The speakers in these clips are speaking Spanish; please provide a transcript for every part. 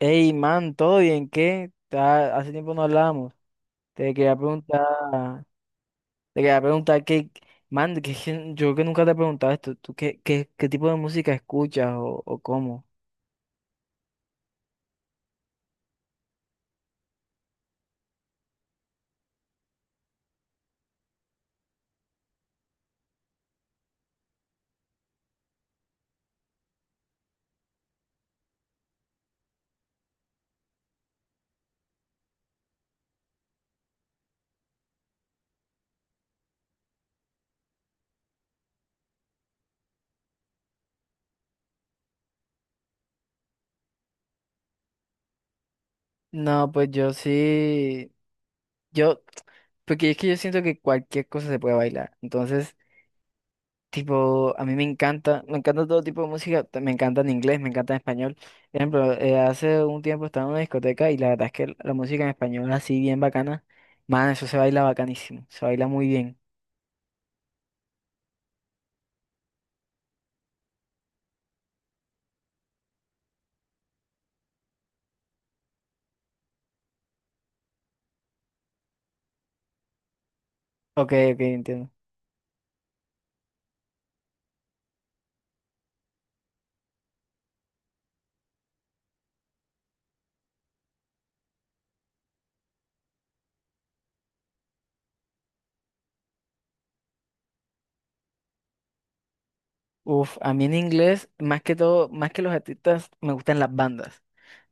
Ey, man, ¿todo bien? ¿Qué? Hace tiempo no hablábamos. Te quería preguntar, te quería preguntar, man, es que yo que nunca te he preguntado esto, ¿tú qué tipo de música escuchas o cómo? No, pues yo sí, yo, porque es que yo siento que cualquier cosa se puede bailar. Entonces, tipo, a mí me encanta todo tipo de música, me encanta en inglés, me encanta en español. Por ejemplo, hace un tiempo estaba en una discoteca y la verdad es que la música en español así bien bacana, man, eso se baila bacanísimo, se baila muy bien. Ok, ok, entiendo. Uf, a mí en inglés, más que todo, más que los artistas, me gustan las bandas.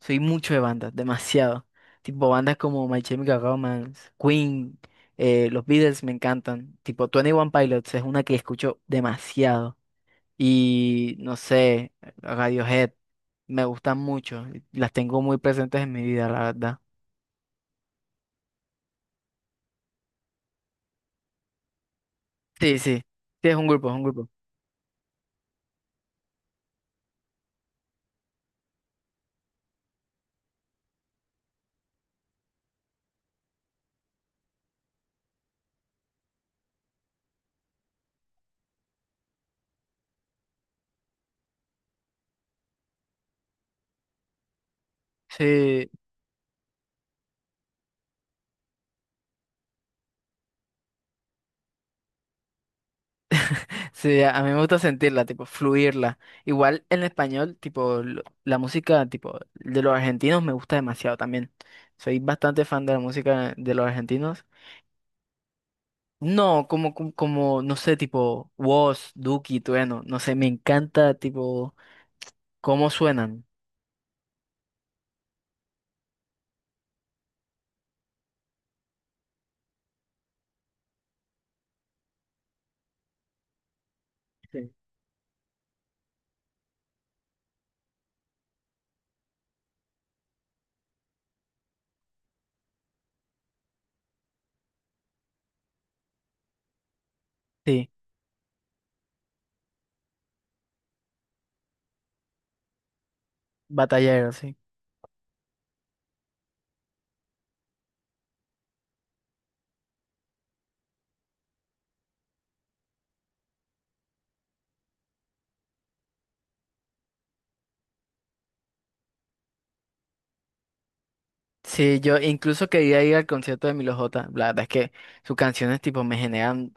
Soy mucho de bandas, demasiado. Tipo bandas como My Chemical Romance, Queen, los Beatles me encantan. Tipo, Twenty One Pilots es una que escucho demasiado. Y no sé, Radiohead, me gustan mucho, las tengo muy presentes en mi vida, la verdad. Sí, sí, sí, es un grupo, es un grupo. Sí, sí, a mí me gusta sentirla, tipo, fluirla. Igual en español, tipo, la música, tipo, de los argentinos me gusta demasiado también. Soy bastante fan de la música de los argentinos. No, como, no sé, tipo, woz Duki, Trueno, no sé, me encanta, tipo, cómo suenan. Sí. Sí, batalleros, sí. Sí, yo incluso quería ir al concierto de Milo J. La verdad es que sus canciones tipo me generan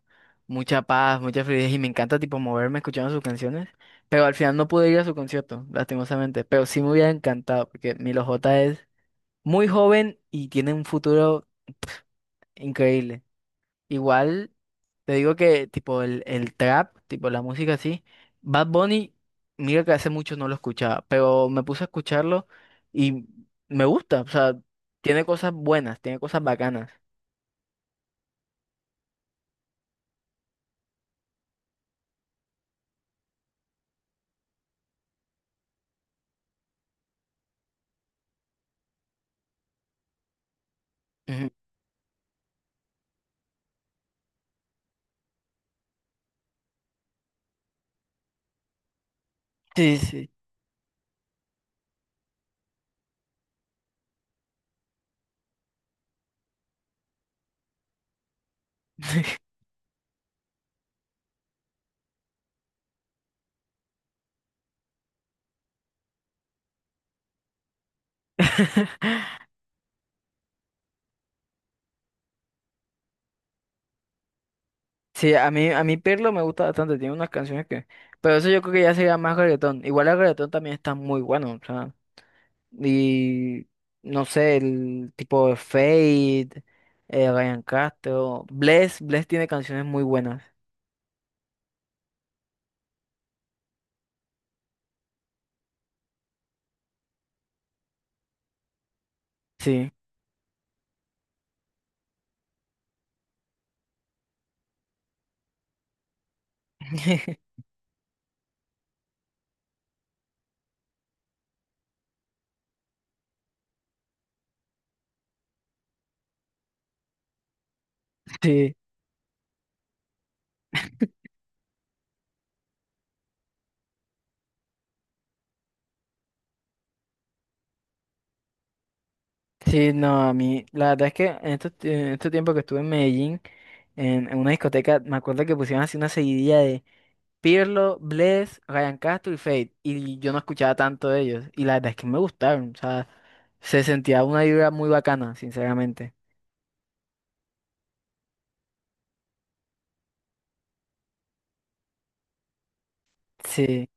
mucha paz, mucha fluidez y me encanta tipo moverme escuchando sus canciones. Pero al final no pude ir a su concierto, lastimosamente. Pero sí me hubiera encantado porque Milo J es muy joven y tiene un futuro increíble. Igual. Te digo que, tipo, el trap, tipo, la música así. Bad Bunny, mira que hace mucho no lo escuchaba, pero me puse a escucharlo y me gusta. O sea, tiene cosas buenas, tiene cosas bacanas. Ujú. Sí, sí. Sí, a mí Pirlo me gusta bastante, tiene unas canciones que… Pero eso yo creo que ya sería más reggaetón. Igual el reggaetón también está muy bueno, o sea… Y… No sé, el tipo de Fade, Ryan Castro… Bless, Bless tiene canciones muy buenas, sí. Sí, sí, no, a mí, la verdad es que en este tiempo que estuve en Medellín, en una discoteca, me acuerdo que pusieron así una seguidilla de Pirlo, Bless, Ryan Castro y Fate, y yo no escuchaba tanto de ellos, y la verdad es que me gustaron, o sea, se sentía una vibra muy bacana, sinceramente. Sí.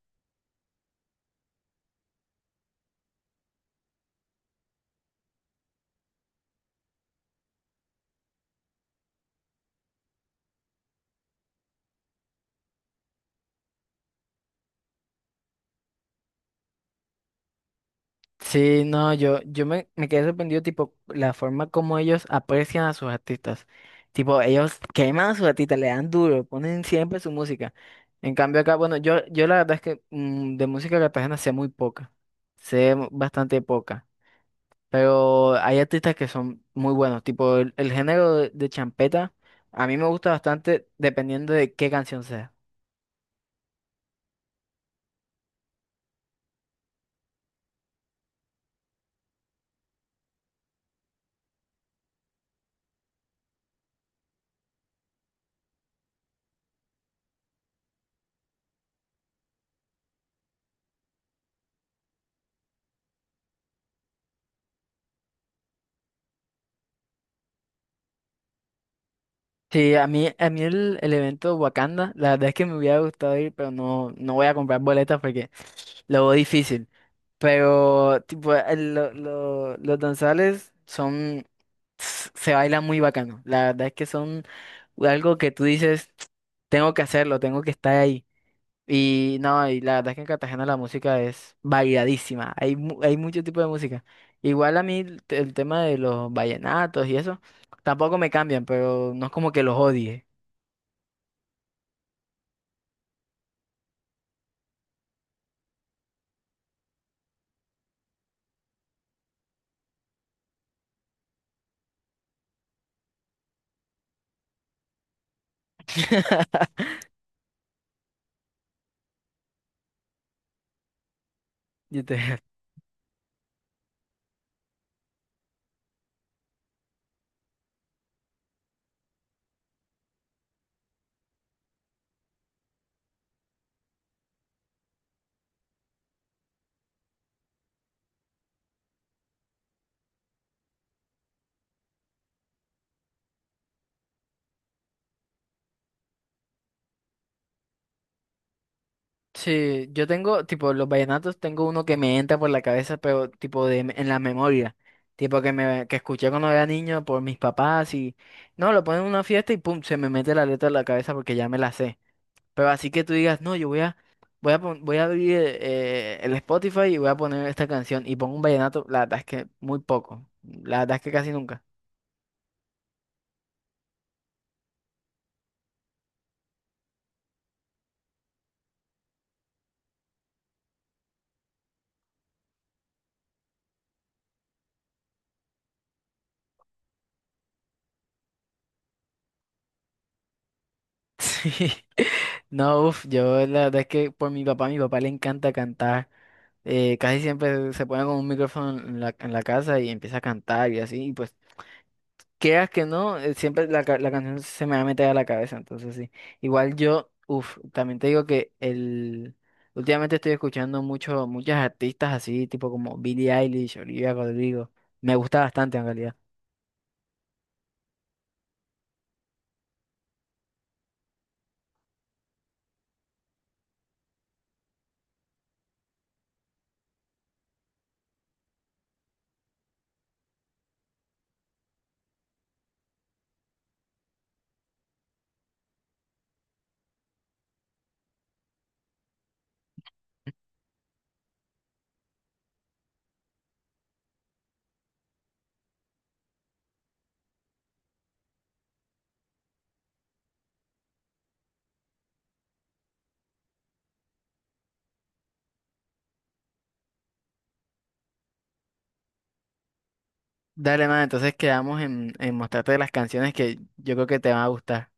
Sí, no, me quedé sorprendido, tipo, la forma como ellos aprecian a sus artistas. Tipo, ellos queman a sus artistas, le dan duro, ponen siempre su música. En cambio acá, bueno, yo la verdad es que de música cartagena sé muy poca, bastante poca, pero hay artistas que son muy buenos, tipo, el género de champeta, a mí me gusta bastante dependiendo de qué canción sea. Sí, a mí el evento Wakanda, la verdad es que me hubiera gustado ir, pero no, no voy a comprar boletas porque lo veo difícil. Pero, tipo, los danzales son. Se bailan muy bacano. La verdad es que son algo que tú dices, tengo que hacerlo, tengo que estar ahí. Y no, y la verdad es que en Cartagena la música es variadísima. Hay mucho tipo de música. Igual a mí el tema de los vallenatos y eso, tampoco me cambian, pero no es como que los odie. Yo te… Sí, yo tengo, tipo, los vallenatos, tengo uno que me entra por la cabeza, pero tipo de, en la memoria, tipo que escuché cuando era niño por mis papás y no, lo ponen en una fiesta y pum, se me mete la letra en la cabeza porque ya me la sé. Pero así que tú digas, no, yo voy a, voy a, pon- voy a abrir, el Spotify y voy a poner esta canción y pongo un vallenato, la verdad es que muy poco, la verdad es que casi nunca. Sí. No, uff, yo la verdad es que por mi papá le encanta cantar. Casi siempre se pone con un micrófono en en la casa y empieza a cantar y así, y pues, quieras que no, siempre la canción se me va a meter a la cabeza, entonces sí. Igual yo, uff, también te digo que el… Últimamente estoy escuchando muchas artistas así, tipo como Billie Eilish, Olivia Rodrigo. Me gusta bastante en realidad. Dale, man, entonces quedamos en mostrarte las canciones que yo creo que te van a gustar.